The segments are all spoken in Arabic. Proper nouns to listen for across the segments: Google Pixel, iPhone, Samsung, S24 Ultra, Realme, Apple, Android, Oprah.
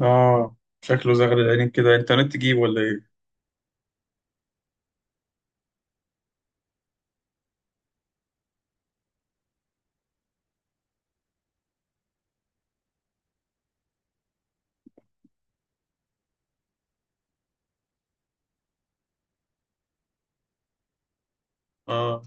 اه. شكله زغل العينين كده، انترنت تجيب ولا ايه؟ اه،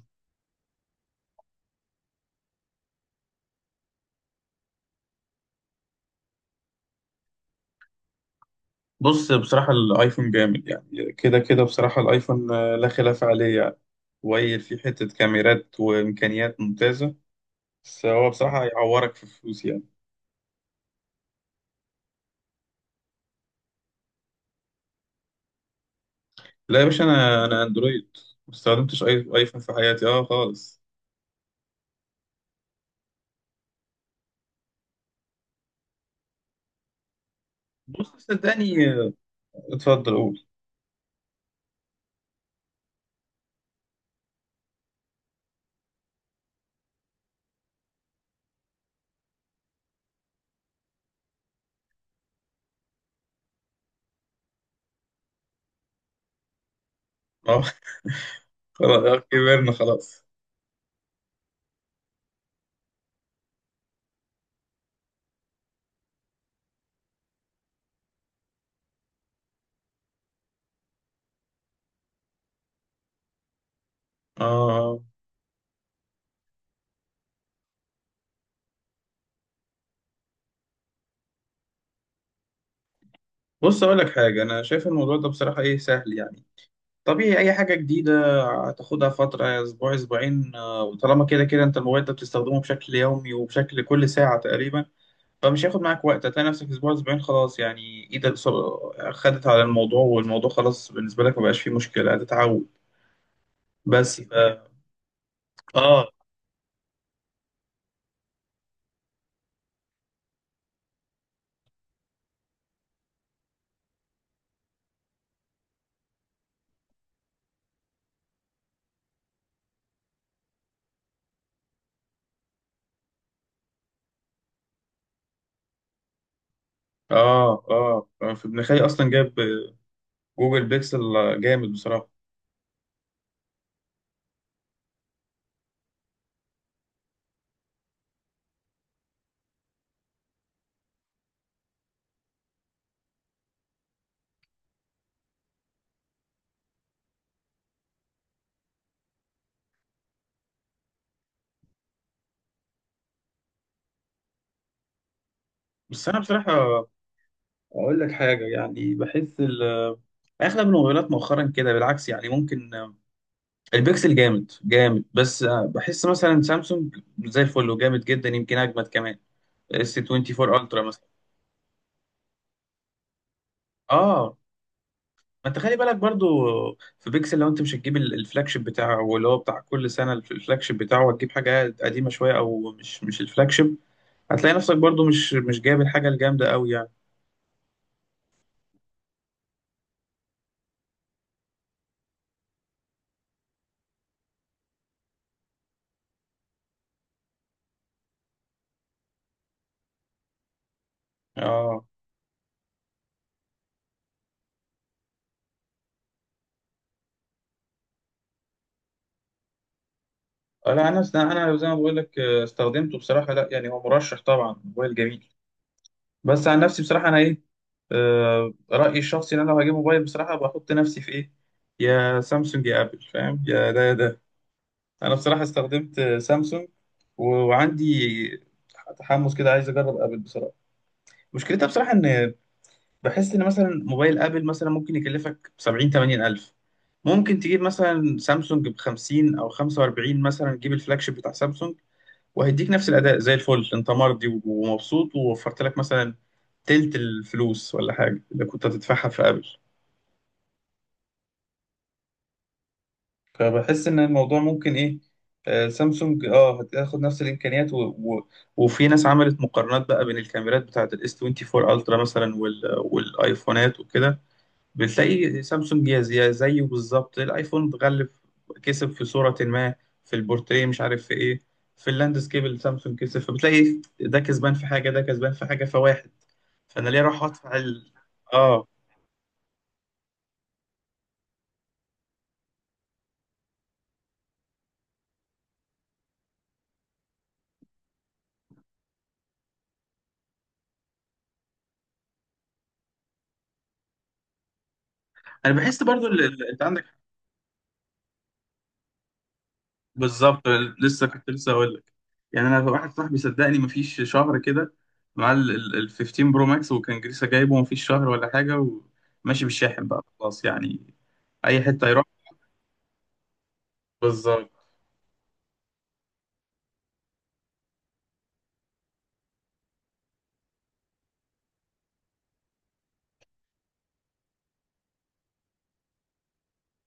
بص بصراحة الايفون جامد، يعني كده كده بصراحة الايفون لا خلاف عليه يعني. ويل فيه حتة كاميرات وامكانيات ممتازة. بس هو بصراحة هيعورك في فلوس يعني. لا يا باشا، انا اندرويد، ما استخدمتش اي ايفون في حياتي اه خالص. بص صدقني اتفضل قول. اه. خلاص كبرنا خلاص. اه. آه. بص اقول لك حاجة، انا شايف الموضوع ده بصراحة ايه، سهل يعني. طبيعي اي حاجه جديده هتاخدها فتره، اسبوع اسبوعين وطالما كده كده انت الموبايل ده بتستخدمه بشكل يومي وبشكل كل ساعه تقريبا، فمش هياخد معاك وقت. هتلاقي نفسك اسبوع اسبوعين خلاص، يعني ايدك خدت على الموضوع والموضوع خلاص بالنسبه لك، مبقاش فيه مشكله، هتتعود. بس ف... اه. اه. اه. في ابن خالي اصلا جاب جوجل بيكسل، جامد بصراحه. بس انا بصراحه اقول لك حاجه، يعني بحس اغلب الموبايلات مؤخرا كده بالعكس، يعني ممكن البيكسل جامد جامد، بس بحس مثلا سامسونج زي الفل وجامد جدا، يمكن اجمد كمان، اس 24 الترا مثلا. اه، ما انت خلي بالك برضو، في بيكسل لو انت مش هتجيب الفلاج شيب بتاعه، واللي هو بتاع كل سنه الفلاج شيب بتاعه، هتجيب حاجه قديمه شويه او مش الفلاج شيب، هتلاقي نفسك برضو مش جايب الحاجه الجامده قوي يعني. اه. لا انا زي ما بقول لك استخدمته بصراحه، لا يعني هو مرشح طبعا، موبايل جميل. بس عن نفسي بصراحة أنا إيه، رأيي الشخصي إن أنا لو هجيب موبايل بصراحة بحط نفسي في إيه، يا سامسونج يا آبل، فاهم، يا ده يا ده. أنا بصراحة استخدمت سامسونج وعندي تحمس كده، عايز أجرب آبل بصراحة. مشكلتها بصراحة إن، بحس إن مثلا موبايل آبل مثلا ممكن يكلفك سبعين تمانين ألف، ممكن تجيب مثلا سامسونج بخمسين أو خمسة وأربعين مثلا، تجيب الفلاج شيب بتاع سامسونج وهيديك نفس الاداء زي الفل، انت مرضي ومبسوط، ووفرت لك مثلا تلت الفلوس ولا حاجه اللي كنت هتدفعها في ابل. فبحس ان الموضوع ممكن ايه، سامسونج اه هتاخد نفس الامكانيات وفي ناس عملت مقارنات بقى بين الكاميرات بتاعه الاس 24 الترا مثلا والايفونات وكده، بتلاقي سامسونج يا زيه بالظبط، الايفون اتغلب، كسب في صوره ما، في البورتريه، مش عارف في ايه، في اللاندسكيب اللي سامسونج كسب، فبتلاقي إيه، ده كسبان في حاجه، ده كسبان في حاجه، فواحد، فانا ليه اروح ادفع اه. انا بحس برضو انت عندك بالظبط، لسه كنت لسه اقول لك، يعني انا واحد صاحبي صدقني مفيش شهر كده مع ال 15 برو ماكس، وكان لسه جايبه مفيش شهر ولا حاجه، وماشي بالشاحن بقى خلاص يعني، اي حته يروح. بالظبط.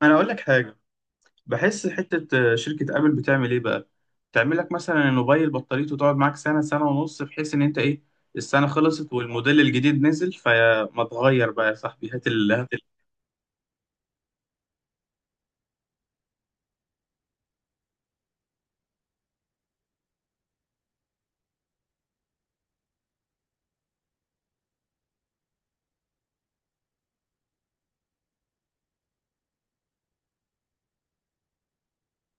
انا اقول لك حاجه، بحس حته شركه ابل بتعمل ايه بقى، تعمل لك مثلا الموبايل بطاريته تقعد معاك سنه سنه ونص، بحيث ان انت ايه، السنه خلصت والموديل الجديد نزل، فما تغير بقى يا صاحبي، هات.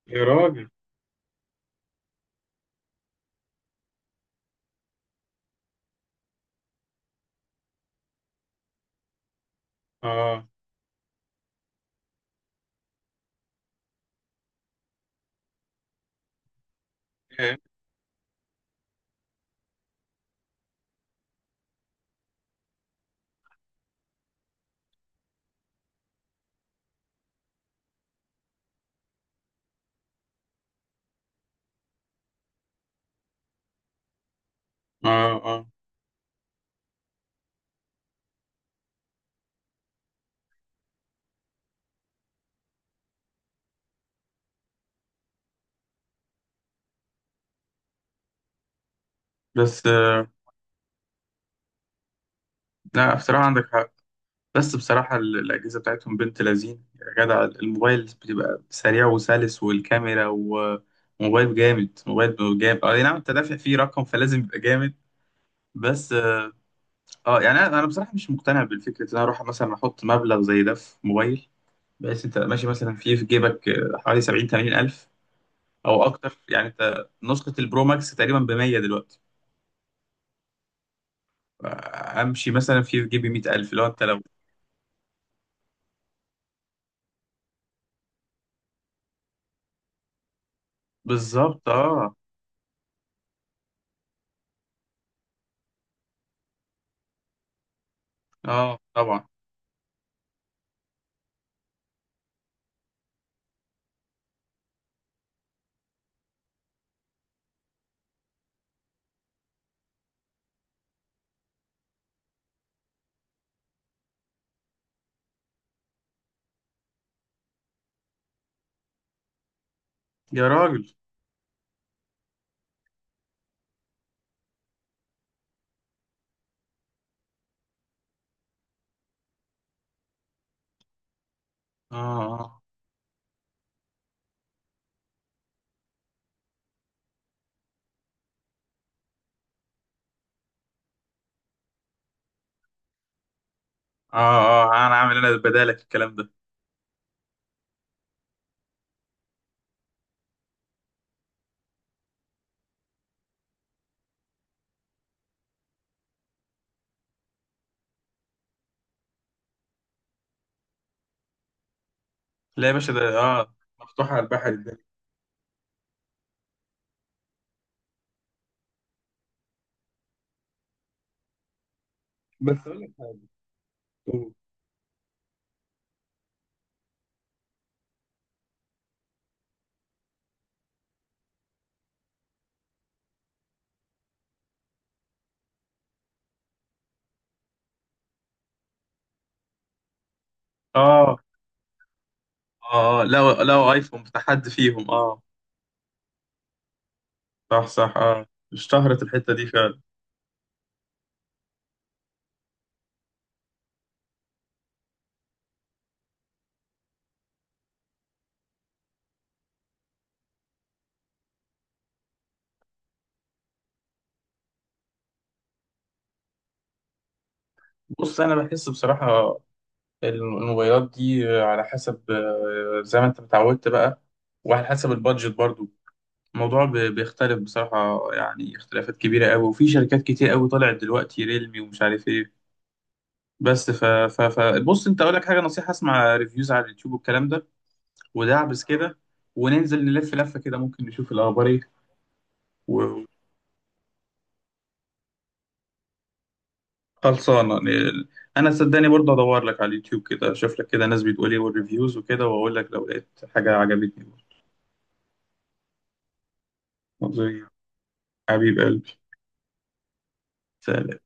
يا راجل. اه. إيه؟ اه. اه. بس لا بصراحة عندك حق، بس بصراحة الأجهزة بتاعتهم بنت لذين يا جدع، الموبايل بتبقى سريع وسلس، والكاميرا، وموبايل جامد موبايل جامد، اه نعم، انت دافع فيه رقم فلازم يبقى جامد. بس اه، يعني انا، أنا بصراحة مش مقتنع بالفكرة ان انا اروح مثلا احط مبلغ زي ده في موبايل، بس انت ماشي مثلا فيه في جيبك حوالي 70 80 الف او اكتر، يعني انت نسخة البرو ماكس تقريبا ب 100 دلوقتي، امشي مثلا في جيبي 100,000، اللي هو انت لو. بالظبط. اه. اه طبعا. يا راجل. اه. اه. اه. اه انا عامل، انا بدالك الكلام ده. لا يا باشا ده اه مفتوح على البحر الدنيا. بس اقول لك حاجة. اه. اه. لو لو ايفون بتاع حد فيهم اه. صح صح اه، اشتهرت الحتة دي فعلا. بص انا بحس بصراحة الموبايلات دي على حسب زي ما انت متعودت بقى، وعلى حسب البادجت برضو، الموضوع بيختلف بصراحة، يعني اختلافات كبيرة قوي، وفي شركات كتير قوي طلعت دلوقتي، ريلمي ومش عارف ايه. بس ف بص، انت اقول لك حاجة، نصيحة، اسمع ريفيوز على اليوتيوب والكلام ده ودعبس كده، وننزل نلف لفة كده، ممكن نشوف الأخبار ايه. وخلصانة أنا صدقني برضه أدور لك على اليوتيوب كده، أشوف لك كده ناس بتقول ايه والريفيوز وكده، وأقول لك لو لقيت حاجة عجبتني. برضه. زي. حبيب قلبي، سلام.